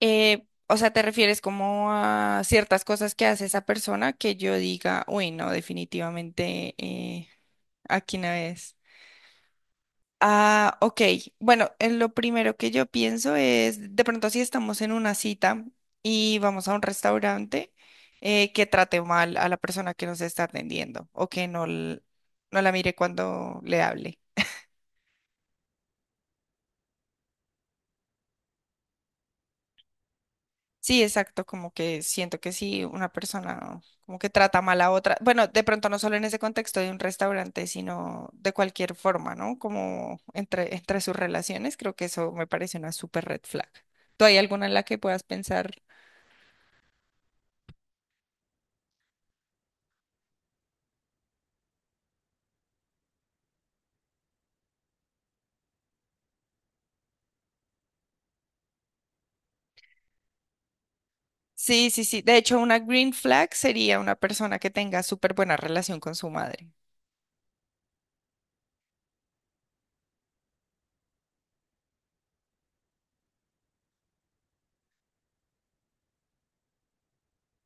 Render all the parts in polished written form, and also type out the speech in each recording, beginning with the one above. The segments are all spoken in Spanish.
¿Te refieres como a ciertas cosas que hace esa persona que yo diga, uy, no, definitivamente aquí no es? Ah, ok. Bueno, lo primero que yo pienso es, de pronto si estamos en una cita y vamos a un restaurante, que trate mal a la persona que nos está atendiendo o que no, no la mire cuando le hable. Sí, exacto, como que siento que si una persona como que trata mal a otra, bueno, de pronto no solo en ese contexto de un restaurante, sino de cualquier forma, ¿no? Como entre sus relaciones, creo que eso me parece una super red flag. ¿Tú hay alguna en la que puedas pensar? Sí, sí, sí. De hecho, una green flag sería una persona que tenga súper buena relación con su madre.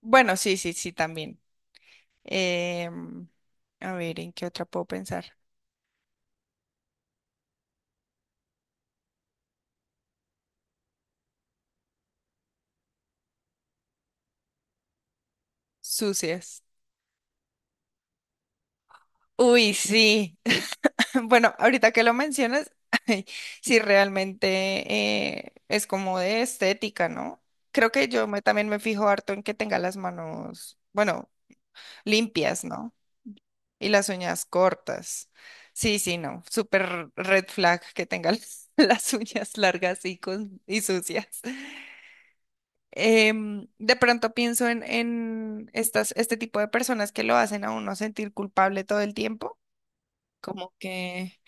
Bueno, sí, sí, sí, también. Em, a ver, ¿en qué otra puedo pensar? Sucias. Uy, sí. Bueno, ahorita que lo mencionas, ay, sí realmente es como de estética, ¿no? Creo que yo también me fijo harto en que tenga las manos, bueno, limpias, ¿no? Y las uñas cortas. Sí, sí, no. Súper red flag que tenga las, las uñas largas y, con, y sucias. De pronto pienso en estas, este tipo de personas que lo hacen a uno sentir culpable todo el tiempo. Como que...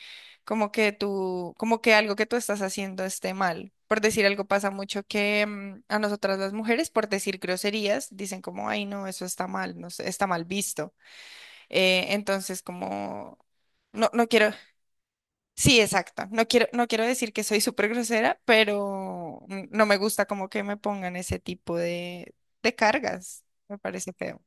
como que tú, como que algo que tú estás haciendo esté mal. Por decir algo, pasa mucho que a nosotras las mujeres, por decir groserías, dicen como, ay, no, eso está mal, no sé, está mal visto. Entonces, como, no quiero, sí, exacto, no quiero, no quiero decir que soy súper grosera, pero no me gusta como que me pongan ese tipo de cargas. Me parece feo.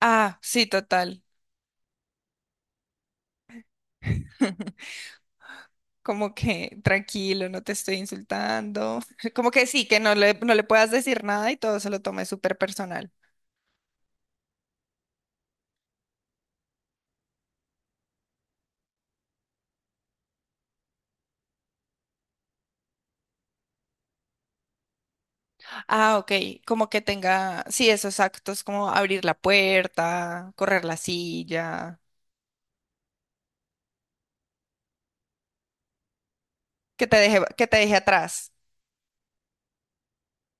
Ah, sí, total. Como que tranquilo, no te estoy insultando. Como que sí, que no le puedas decir nada y todo se lo tome súper personal. Ah, ok, como que tenga, sí, esos actos como abrir la puerta, correr la silla, que te deje atrás.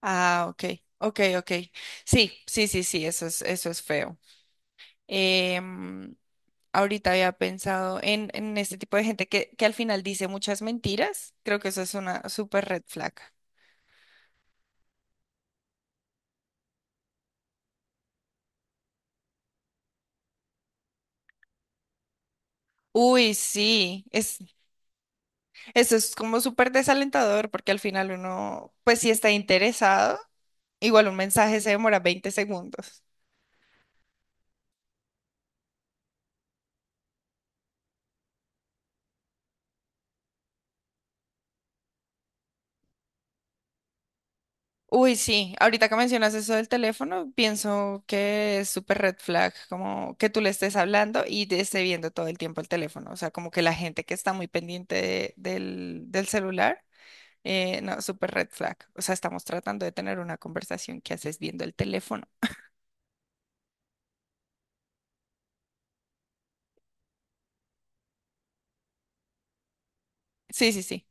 Ah, ok, ok, ok. Sí, sí, sí, sí, eso es feo. Em, Ahorita había pensado en este tipo de gente que al final dice muchas mentiras. Creo que eso es una super red flag. Uy, sí, es. Eso es como súper desalentador porque al final uno, pues si está interesado, igual un mensaje se demora 20 segundos. Uy, sí, ahorita que mencionas eso del teléfono, pienso que es súper red flag, como que tú le estés hablando y te esté viendo todo el tiempo el teléfono, o sea, como que la gente que está muy pendiente del, del celular, no, súper red flag, o sea, estamos tratando de tener una conversación que haces viendo el teléfono. Sí, sí, sí.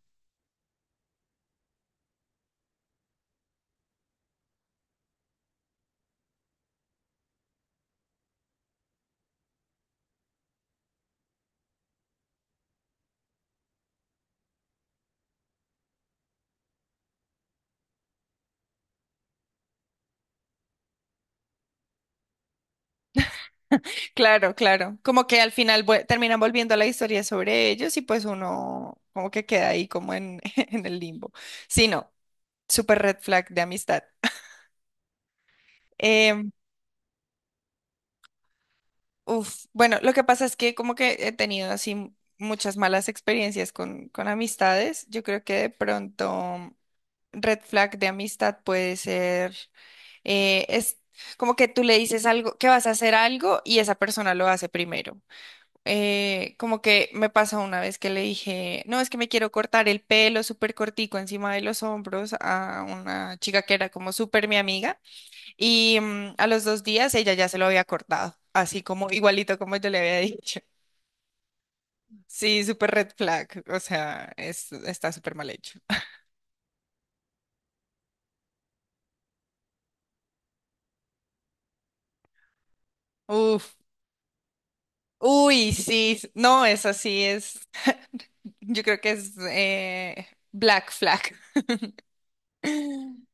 Claro, claro. Como que al final terminan volviendo a la historia sobre ellos y pues uno como que queda ahí como en, en el limbo. Sí, no, súper red flag de amistad. Em, uf, bueno, lo que pasa es que como que he tenido así muchas malas experiencias con amistades. Yo creo que de pronto red flag de amistad puede ser, es como que tú le dices algo, que vas a hacer algo y esa persona lo hace primero. Como que me pasó una vez que le dije, no, es que me quiero cortar el pelo súper cortico encima de los hombros a una chica que era como súper mi amiga y a los 2 días ella ya se lo había cortado, así como igualito como yo le había dicho. Sí, súper red flag, o sea, es, está súper mal hecho. Uf, uy, sí, no, es así, es, yo creo que es black flag.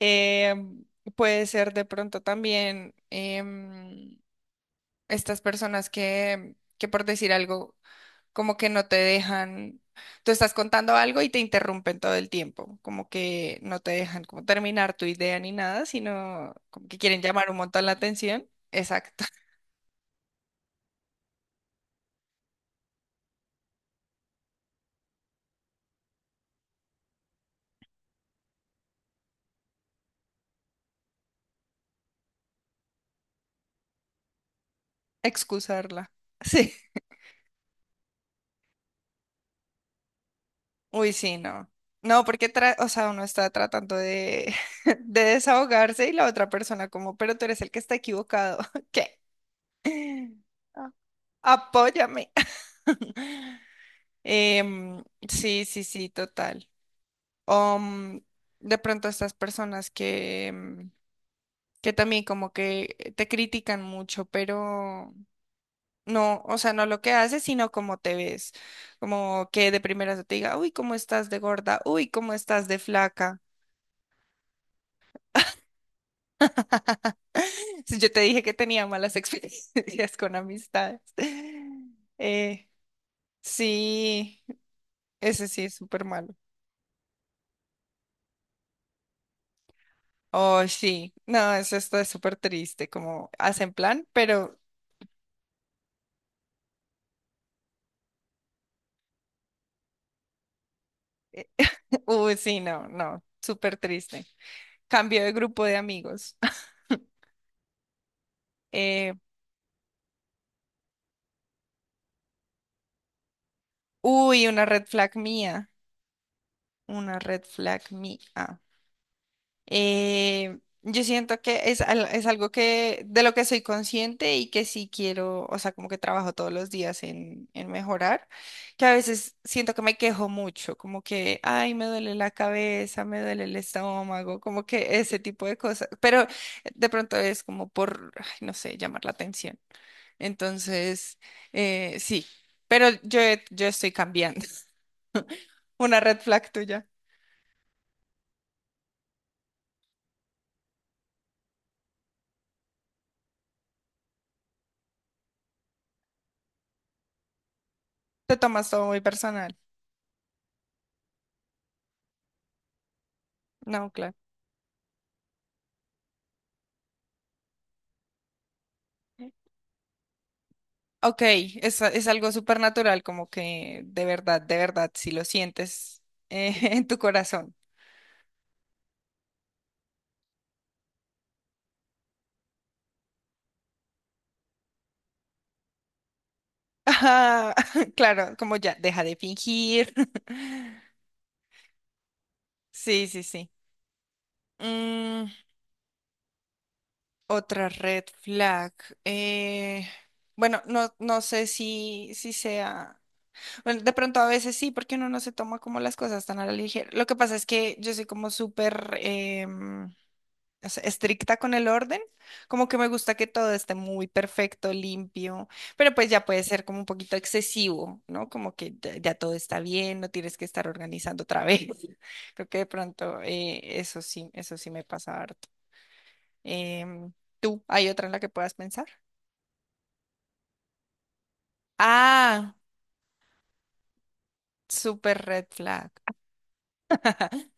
Em, Puede ser de pronto también estas personas que por decir algo, como que no te dejan, tú estás contando algo y te interrumpen todo el tiempo, como que no te dejan como terminar tu idea ni nada, sino como que quieren llamar un montón la atención. Exacto, excusarla. Sí. Uy, sí, no. No, porque o sea, uno está tratando de, de desahogarse y la otra persona como, pero tú eres el que está equivocado. ¿Qué? Apóyame. Sí, sí, sí, total. Um, de pronto estas personas que, que también como que te critican mucho, pero no, o sea, no lo que haces, sino cómo te ves. Como que de primeras te diga, uy, cómo estás de gorda, uy, cómo estás de flaca. Si yo te dije que tenía malas experiencias con amistades. Eh, sí, ese sí es súper malo. Oh, sí, no, eso está súper triste, como hacen plan, pero, uy, sí, no, no, súper triste. Cambio de grupo de amigos. Eh, uy, una red flag mía. Yo siento que es, es algo que de lo que soy consciente y que sí quiero, o sea, como que trabajo todos los días en mejorar, que a veces siento que me quejo mucho, como que, ay, me duele la cabeza, me duele el estómago, como que ese tipo de cosas, pero de pronto es como por, ay, no sé, llamar la atención. Entonces, sí, pero yo estoy cambiando. Una red flag tuya. Te tomas todo muy personal. No, claro. Ok, es algo súper natural, como que de verdad, si lo sientes en tu corazón. Ah, claro, como ya, deja de fingir. Sí, sí, sí. Mm, otra red flag. eh, bueno, no, no sé si sea. Bueno, de pronto a veces sí, porque uno no se toma como las cosas tan a la ligera. Lo que pasa es que yo soy como súper. O sea, estricta con el orden, como que me gusta que todo esté muy perfecto, limpio, pero pues ya puede ser como un poquito excesivo, ¿no? Como que ya, ya todo está bien, no tienes que estar organizando otra vez. Creo que de pronto eso sí me pasa harto. Em, ¿Tú hay otra en la que puedas pensar? Ah, super red flag.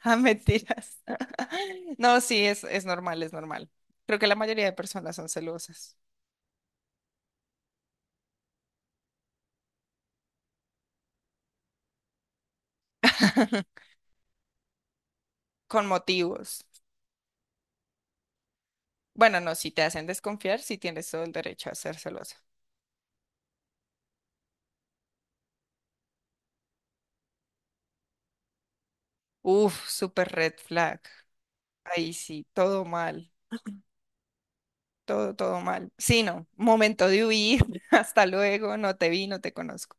Ah, mentiras. No, sí, es normal, es normal. Creo que la mayoría de personas son celosas. Con motivos. Bueno, no, si te hacen desconfiar, sí tienes todo el derecho a ser celosa. Uf, súper red flag. Ahí sí, todo mal, todo, todo mal. Sí, no, momento de huir, hasta luego, no te vi, no te conozco.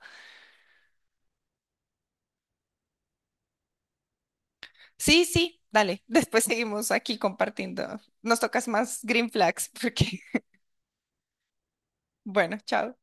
Sí, sí, dale, después seguimos aquí compartiendo. Nos tocas más green flags, porque, bueno, chao.